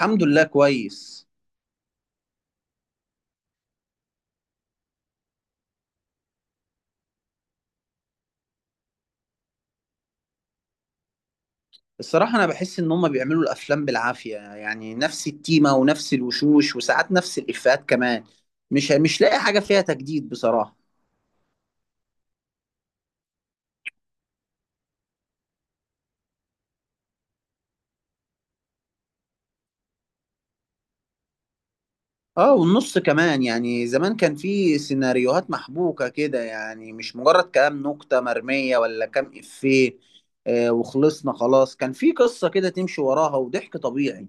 الحمد لله، كويس. الصراحة أنا بحس إن هما بيعملوا الأفلام بالعافية، يعني نفس التيمة ونفس الوشوش وساعات نفس الإفيهات كمان. مش لاقي حاجة فيها تجديد بصراحة. آه، والنص كمان، يعني زمان كان في سيناريوهات محبوكة كده، يعني مش مجرد كلام نكتة مرمية ولا كام إفيه. آه وخلصنا خلاص، كان في قصة كده تمشي وراها وضحك طبيعي.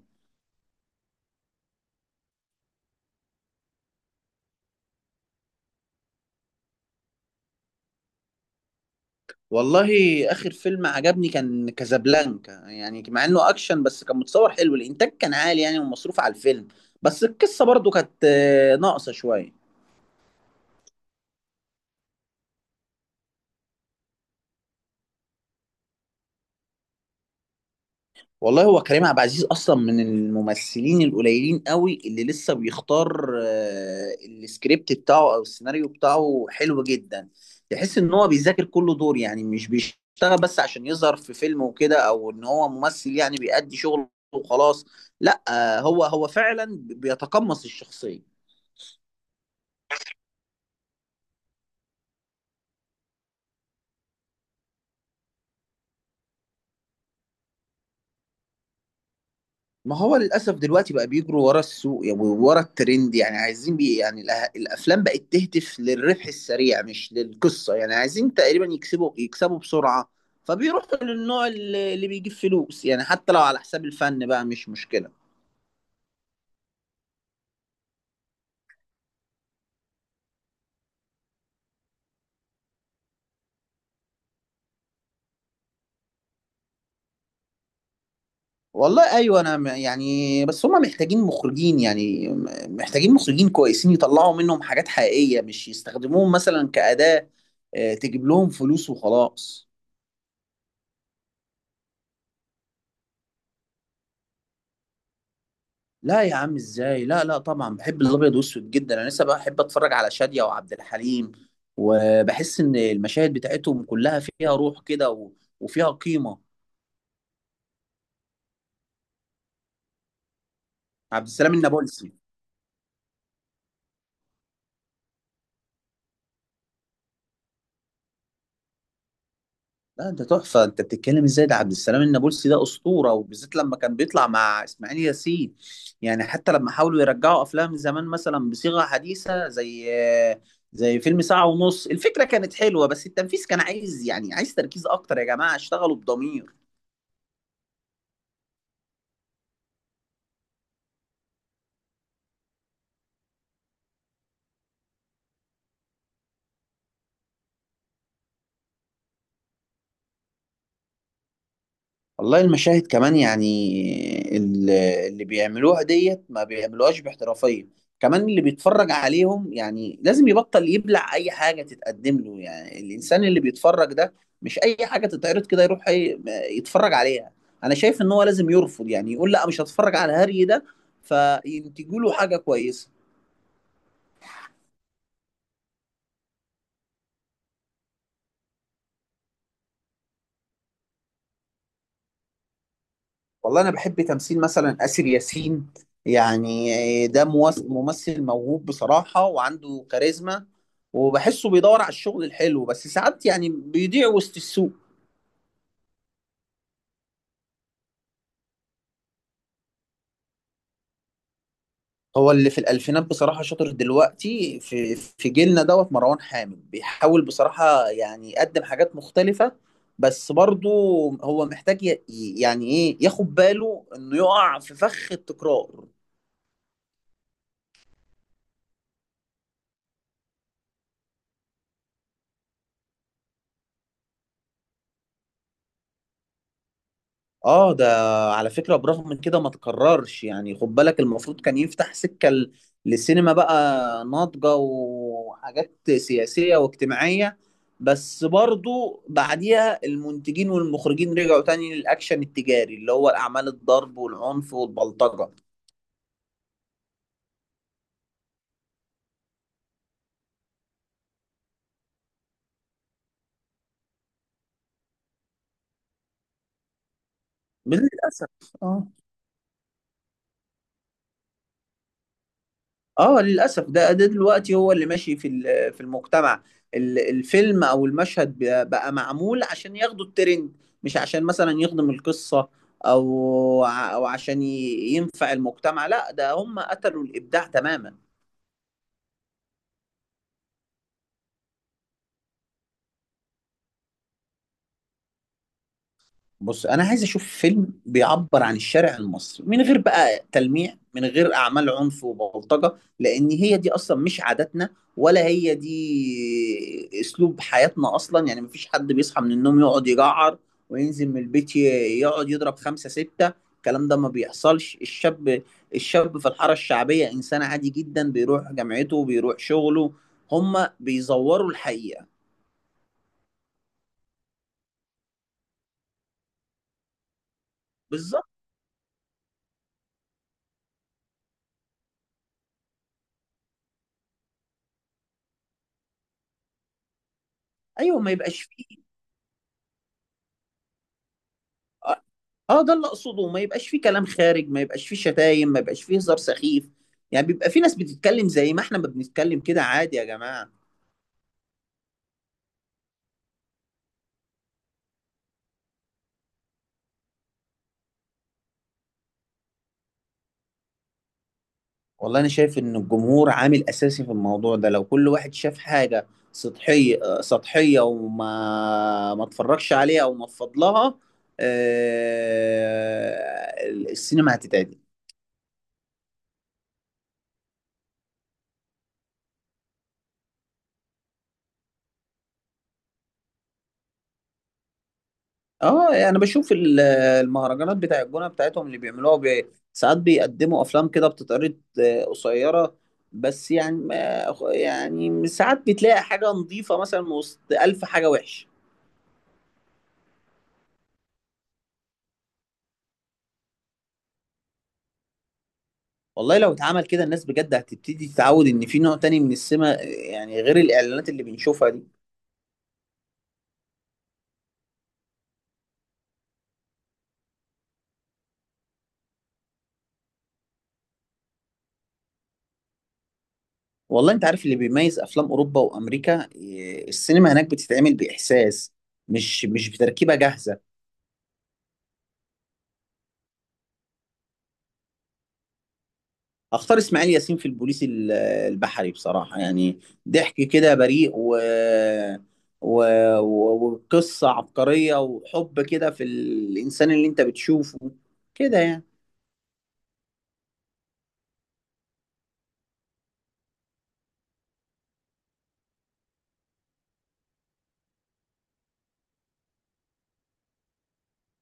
والله اخر فيلم عجبني كان كازابلانكا، يعني مع انه اكشن بس كان متصور حلو، الانتاج كان عالي يعني ومصروف على الفيلم. بس القصه برضو كانت ناقصه شويه. والله هو كريم عبد العزيز اصلا من الممثلين القليلين قوي اللي لسه بيختار، السكريبت بتاعه او السيناريو بتاعه حلو جدا. تحس ان هو بيذاكر كل دور، يعني مش بيشتغل بس عشان يظهر في فيلم وكده، او ان هو ممثل يعني بيأدي شغله وخلاص. لا هو فعلا بيتقمص الشخصية. ما هو للأسف دلوقتي بقى بيجروا ورا السوق، يعني ورا الترند، يعني عايزين بي يعني الأفلام بقت تهدف للربح السريع مش للقصة، يعني عايزين تقريبا يكسبوا بسرعة. فبيروحوا للنوع اللي بيجيب فلوس، يعني حتى لو على حساب الفن بقى مش مشكلة. والله أيوة، أنا يعني بس هما محتاجين مخرجين، يعني محتاجين مخرجين كويسين يطلعوا منهم حاجات حقيقية، مش يستخدموهم مثلا كأداة تجيب لهم فلوس وخلاص. لا يا عم ازاي، لا لا طبعا بحب الابيض والاسود جدا، انا لسه بحب اتفرج على شادية وعبد الحليم، وبحس ان المشاهد بتاعتهم كلها فيها روح كده وفيها قيمة. عبد السلام النابلسي. لا انت تحفة، انت بتتكلم ازاي؟ ده عبد السلام النابلسي ده اسطورة، وبالذات لما كان بيطلع مع اسماعيل ياسين. يعني حتى لما حاولوا يرجعوا افلام زمان مثلا بصيغة حديثة، زي فيلم ساعة ونص، الفكرة كانت حلوة بس التنفيذ كان عايز، يعني عايز تركيز اكتر، يا جماعة اشتغلوا بضمير. والله المشاهد كمان، يعني اللي بيعملوها ديت ما بيعملوهاش باحترافية، كمان اللي بيتفرج عليهم يعني لازم يبطل يبلع أي حاجة تتقدم له، يعني الإنسان اللي بيتفرج ده مش أي حاجة تتعرض كده يروح يتفرج عليها. أنا شايف إن هو لازم يرفض، يعني يقول لا مش هتفرج على هري ده، فينتجوا له حاجة كويسة. والله انا بحب تمثيل مثلا آسر ياسين، يعني ده ممثل موهوب بصراحة وعنده كاريزما، وبحسه بيدور على الشغل الحلو بس ساعات يعني بيضيع وسط السوق. هو اللي في الألفينات بصراحة شاطر، دلوقتي في جيلنا دوت مروان حامد بيحاول بصراحة يعني يقدم حاجات مختلفة، بس برضه هو محتاج يعني ايه ياخد باله انه يقع في فخ التكرار. اه ده على فكرة برغم من كده ما تكررش، يعني خد بالك المفروض كان يفتح سكة للسينما بقى ناضجة وحاجات سياسية واجتماعية، بس برضو بعديها المنتجين والمخرجين رجعوا تاني للأكشن التجاري اللي هو الأعمال الضرب والعنف والبلطجة. للأسف. اه للاسف ده دلوقتي هو اللي ماشي في في المجتمع. الفيلم او المشهد بقى معمول عشان ياخدوا الترند، مش عشان مثلا يخدم القصة، او او عشان ينفع المجتمع، لا ده هم قتلوا الابداع تماما. بص انا عايز اشوف فيلم بيعبر عن الشارع المصري من غير بقى تلميع، من غير اعمال عنف وبلطجه، لان هي دي اصلا مش عاداتنا، ولا هي دي اسلوب حياتنا اصلا. يعني مفيش حد بيصحى من النوم يقعد يجعر وينزل من البيت يقعد يضرب خمسة ستة، الكلام ده ما بيحصلش. الشاب، الشاب في الحاره الشعبيه انسان عادي جدا، بيروح جامعته بيروح شغله، هما بيزوروا الحقيقه. بالظبط. ايوه ما يبقاش فيه. اه ده اللي اقصده، ما يبقاش فيه كلام خارج، ما يبقاش فيه شتايم، ما يبقاش فيه هزار سخيف، يعني بيبقى في ناس بتتكلم زي ما احنا ما بنتكلم كده، عادي يا جماعة. والله انا شايف ان الجمهور عامل اساسي في الموضوع ده، لو كل واحد شاف حاجة سطحية سطحية وما ما اتفرجش عليها او ما فضلها، السينما هتتعدل. اه يعني انا بشوف المهرجانات بتاع الجونه بتاعتهم اللي بيعملوها ساعات بيقدموا افلام كده بتتعرض قصيره، بس يعني ما... يعني ساعات بتلاقي حاجه نظيفه مثلا من وسط الف حاجه وحشه. والله لو اتعمل كده الناس بجد هتبتدي تتعود ان في نوع تاني من السينما يعني غير الاعلانات اللي بنشوفها دي. والله انت عارف اللي بيميز افلام اوروبا وامريكا السينما هناك بتتعمل باحساس، مش بتركيبه جاهزه. اختار اسماعيل ياسين في البوليس البحري بصراحه، يعني ضحك كده بريء و... وقصه عبقريه وحب كده في الانسان اللي انت بتشوفه كده يعني.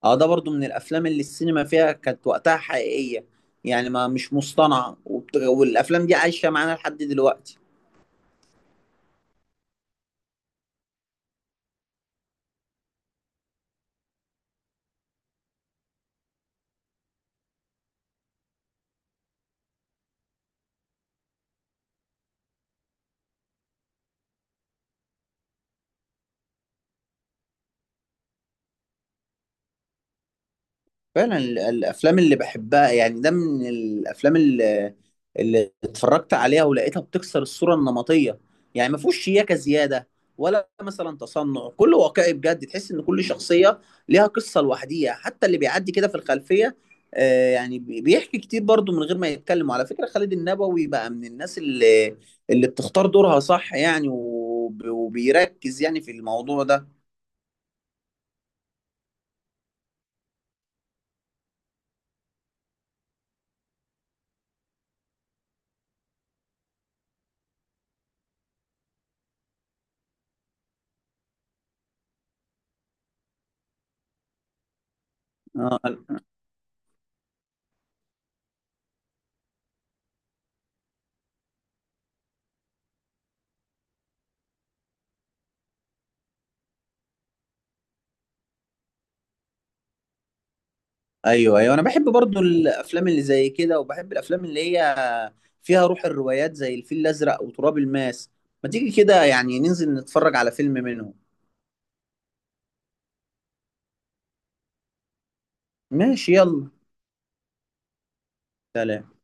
اه ده برضو من الافلام اللي السينما فيها كانت وقتها حقيقيه، يعني ما مش مصطنعه والافلام دي عايشه معانا لحد دلوقتي. فعلا الافلام اللي بحبها، يعني ده من الافلام اللي اتفرجت عليها ولقيتها بتكسر الصوره النمطيه، يعني ما فيهوش شياكه زياده، ولا مثلا تصنع، كله واقعي بجد، تحس ان كل شخصيه ليها قصه لوحديها حتى اللي بيعدي كده في الخلفيه يعني بيحكي كتير برضو من غير ما يتكلم. وعلى فكره خالد النبوي بقى من الناس اللي، اللي بتختار دورها صح، يعني وبيركز يعني في الموضوع ده آه، ايوه ايوه انا بحب برضو الافلام اللي زي كده، وبحب الافلام اللي هي فيها روح الروايات زي الفيل الازرق وتراب الماس. ما تيجي كده يعني ننزل نتفرج على فيلم منهم. ماشي يلا. سلام.